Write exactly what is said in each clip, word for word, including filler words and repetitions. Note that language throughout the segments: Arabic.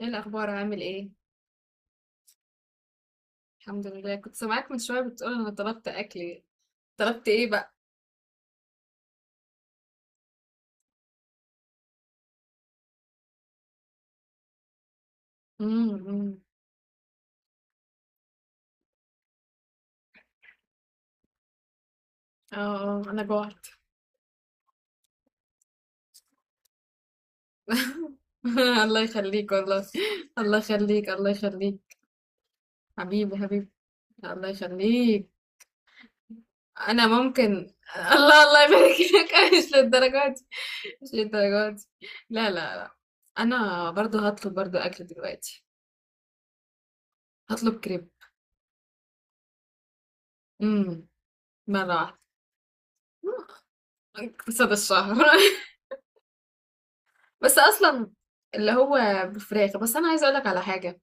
ايه الاخبار؟ عامل ايه؟ الحمد لله. كنت سامعاك من شويه بتقول انا طلبت اكل. طلبت ايه بقى؟ امم أمم. اه اه، انا جوعت. الله يخليك والله. الله يخليك، الله يخليك. حبيبي حبيبي. الله يخليك. انا ممكن الله الله يبارك لك. مش للدرجه دي. مش للدرجه دي. لا لا لا. انا برضو هطلب برضو اكل دلوقتي. هطلب كريب. امم. مره واحده. اقتصاد الشهر بس اصلا، اللي هو بالفراخ. بس انا عايزه اقولك على حاجه.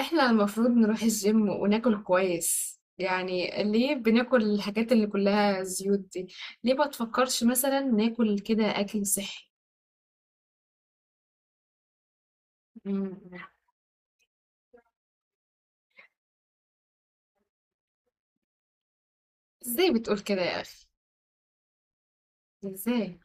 احنا المفروض نروح الجيم وناكل كويس، يعني ليه بناكل الحاجات اللي كلها زيوت دي؟ ليه ما تفكرش مثلا ناكل كده اكل صحي؟ مم. ازاي بتقول كده يا اخي؟ ازاي؟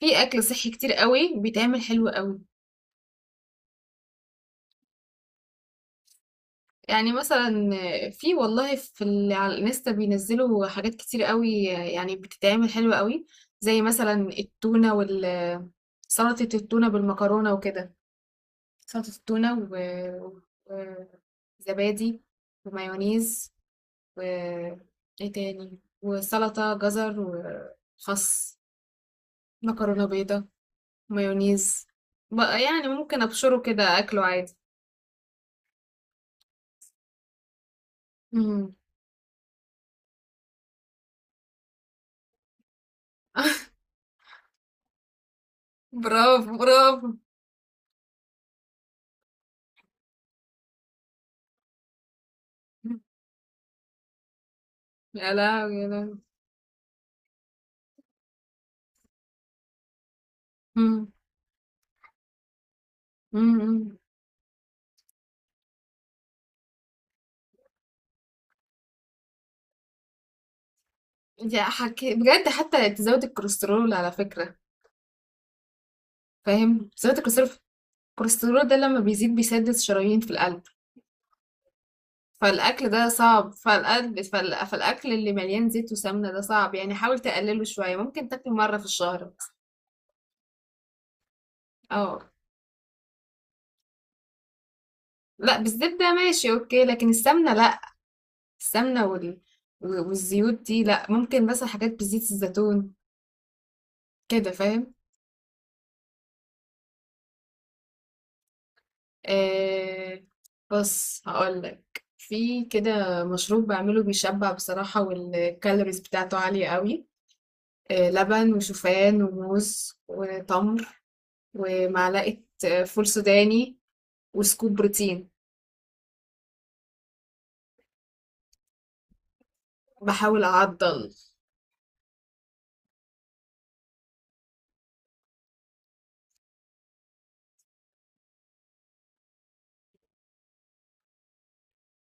في اكل صحي كتير قوي بيتعمل حلو قوي. يعني مثلا، في والله، في ال... على الانستا بينزلوا حاجات كتير قوي، يعني بتتعمل حلوة قوي. زي مثلا التونة وال سلطة التونة بالمكرونة وكده. سلطة التونة و... و- وزبادي ومايونيز و ايه تاني، وسلطة جزر وخس، مكرونة بيضة، مايونيز. بقى يعني ممكن ابشره كده اكله عادي. مم. برافو برافو. يا لهوي يا لهوي. إمم، إمم، إمم، أنتِ حك بجد، حتى تزود الكوليسترول على فكرة. فاهم، تزود الكوليسترول. الكوليسترول ده لمّا بيزيد بيسدد شرايين في القلب، فالأكل ده صعب، فالقلب فال فالأكل اللي مليان زيت وسمنة ده صعب، يعني حاول تقلله شوية، ممكن تاكله مرة في الشهر مثلًا. آه، لأ بالزبدة ماشي أوكي، لكن السمنة لأ. السمنة وال و والزيوت دي لأ، ممكن مثلًا حاجات بزيت الزيتون كده، فاهم؟ آه، بص هقولك، في كده مشروب بعمله بيشبع بصراحة، والكالوريز بتاعته عالية قوي. آه، لبن وشوفان وموز وتمر ومعلقة آه، فول سوداني، وسكوب بروتين. بحاول أعضل.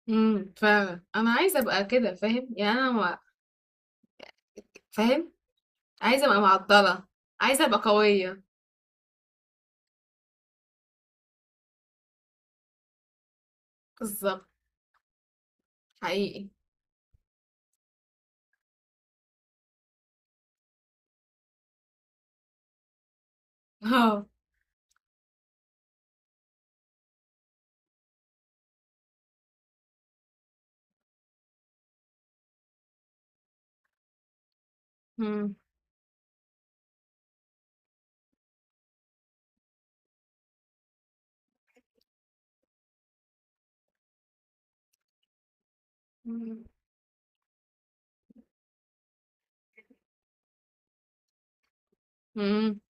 امم فعلا أنا عايزة أبقى كده، فاهم؟ يعني أنا ما- فاهم، عايزة أبقى معضلة، عايزة أبقى قوية. بالظبط. حقيقي. اه. امم امم امم.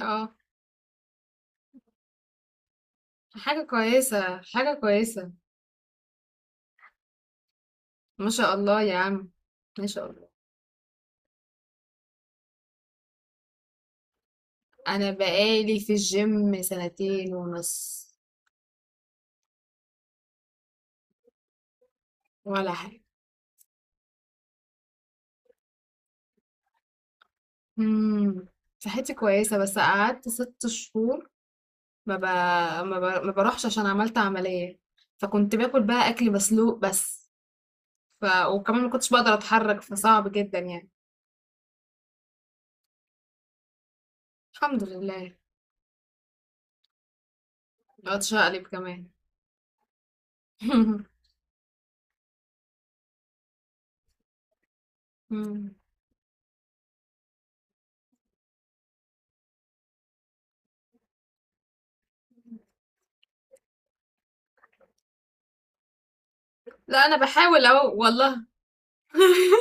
اه. حاجة كويسة حاجة كويسة. ما شاء الله يا عم، ما شاء الله. انا بقالي في الجيم سنتين ونص. ولا حاجه. امم. صحتي كويسه، بس قعدت ست شهور. ما ب... ما, ب... ما بروحش عشان عملت عمليه، فكنت باكل بقى اكل مسلوق بس. ف... وكمان ما كنتش بقدر اتحرك، فصعب جدا يعني. الحمد لله. بقعد اشقلب كمان. أمم. لا، انا بحاول اهو والله.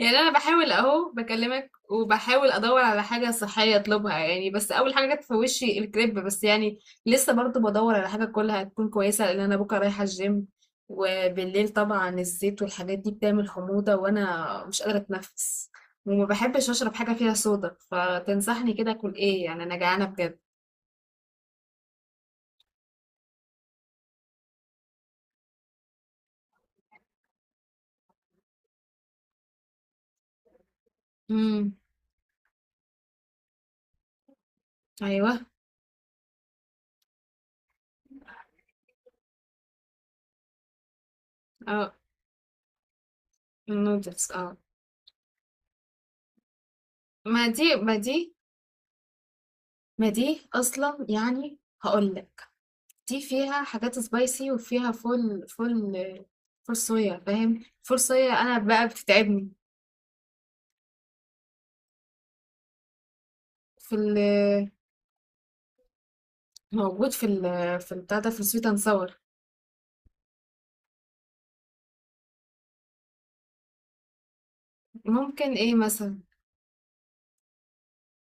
يعني انا بحاول اهو بكلمك، وبحاول ادور على حاجه صحيه اطلبها، يعني بس اول حاجه جت في وشي الكريب، بس يعني لسه برضو بدور على حاجه كلها تكون كويسه، لان انا بكره رايحه الجيم، وبالليل طبعا الزيت والحاجات دي بتعمل حموضه وانا مش قادره اتنفس، وما بحبش اشرب حاجه فيها صودا. فتنصحني كده اكل ايه؟ يعني انا جعانه بجد. امم. ايوه. اه. نودلز، اه. ما دي ما دي ما دي اصلا يعني. هقول لك، دي فيها حاجات سبايسي، وفيها فول فول فول صويا، فاهم؟ فول صويا انا بقى بتتعبني. في ال موجود في ال في البتاع ده، في السويت اند ساور. ممكن ايه مثلا؟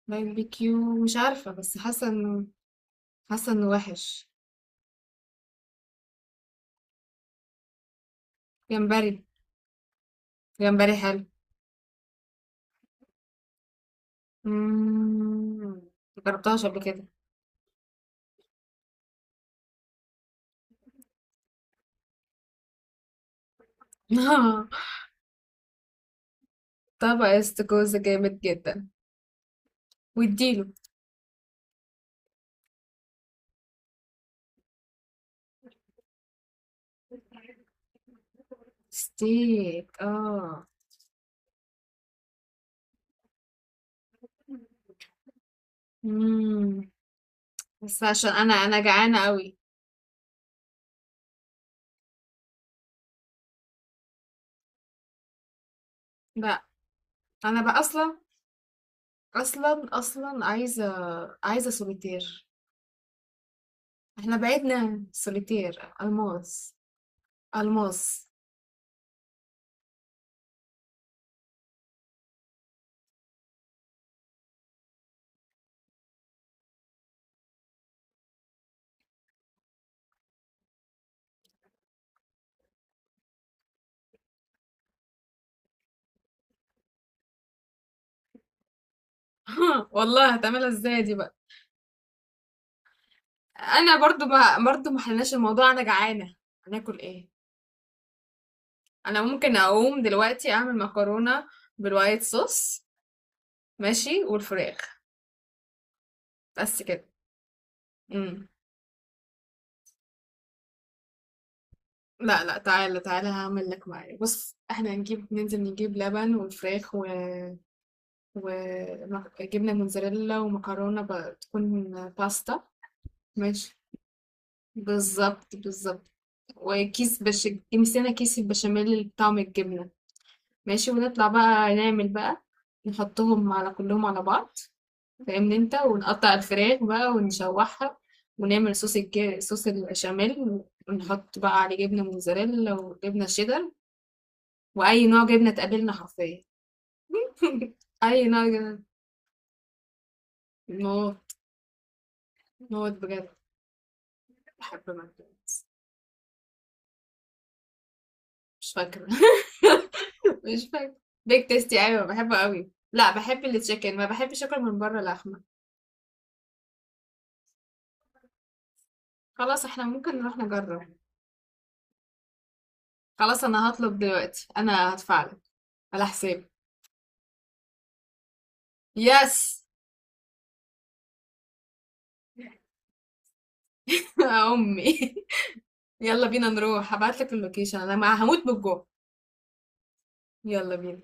باربيكيو، مش عارفه، بس حاسه انه، حاسه انه وحش. جمبري. جمبري حلو. مم، مجربتهاش قبل كده. طبق استكوزة جامد جدا. واديله. ستيك، اه. مم. بس عشان انا انا جعانه قوي. لا. انا بقى اصلا، اصلا اصلا عايزه، عايزه سوليتير. احنا بعدنا سوليتير الماس. الماس. والله هتعملها ازاي دي بقى؟ انا برضو ما، برضو ما حلناش الموضوع، انا جعانه. هناكل ايه؟ انا ممكن اقوم دلوقتي اعمل مكرونه بالوايت صوص، ماشي، والفراخ. بس كده. امم. لا لا، تعالى تعالى، هعمل لك معايا. بص احنا هنجيب، ننزل نجيب لبن والفراخ و وجبنة موتزاريلا ومكرونة ب- تكون باستا. ماشي. بالظبط بالظبط. وكيس بش مسكنا كيس البشاميل بطعم الجبنة. ماشي، ونطلع بقى نعمل بقى، نحطهم على كلهم على بعض، فاهمني انت، ونقطع الفراخ بقى ونشوحها، ونعمل صوص الج... صوص البشاميل، ونحط بقى عليه جبنة موتزاريلا وجبنة شيدر، وأي نوع جبنة تقابلنا حرفيا. أي نوع جبنة. موت. موت بجد. بحب ماكدونالدز. مش فاكرة. مش فاكرة. بيك تيستي أيوة، بحبه قوي. لا، بحب التشيكن، ما بحبش أكل من بره لحمة. خلاص، احنا ممكن نروح نجرب. خلاص، أنا هطلب دلوقتي، أنا هدفعلك، على حسابي. يس. يا أمي. يلا بينا نروح، هبعتلك اللوكيشن، أنا مع- هموت بالجوع. يلا بينا.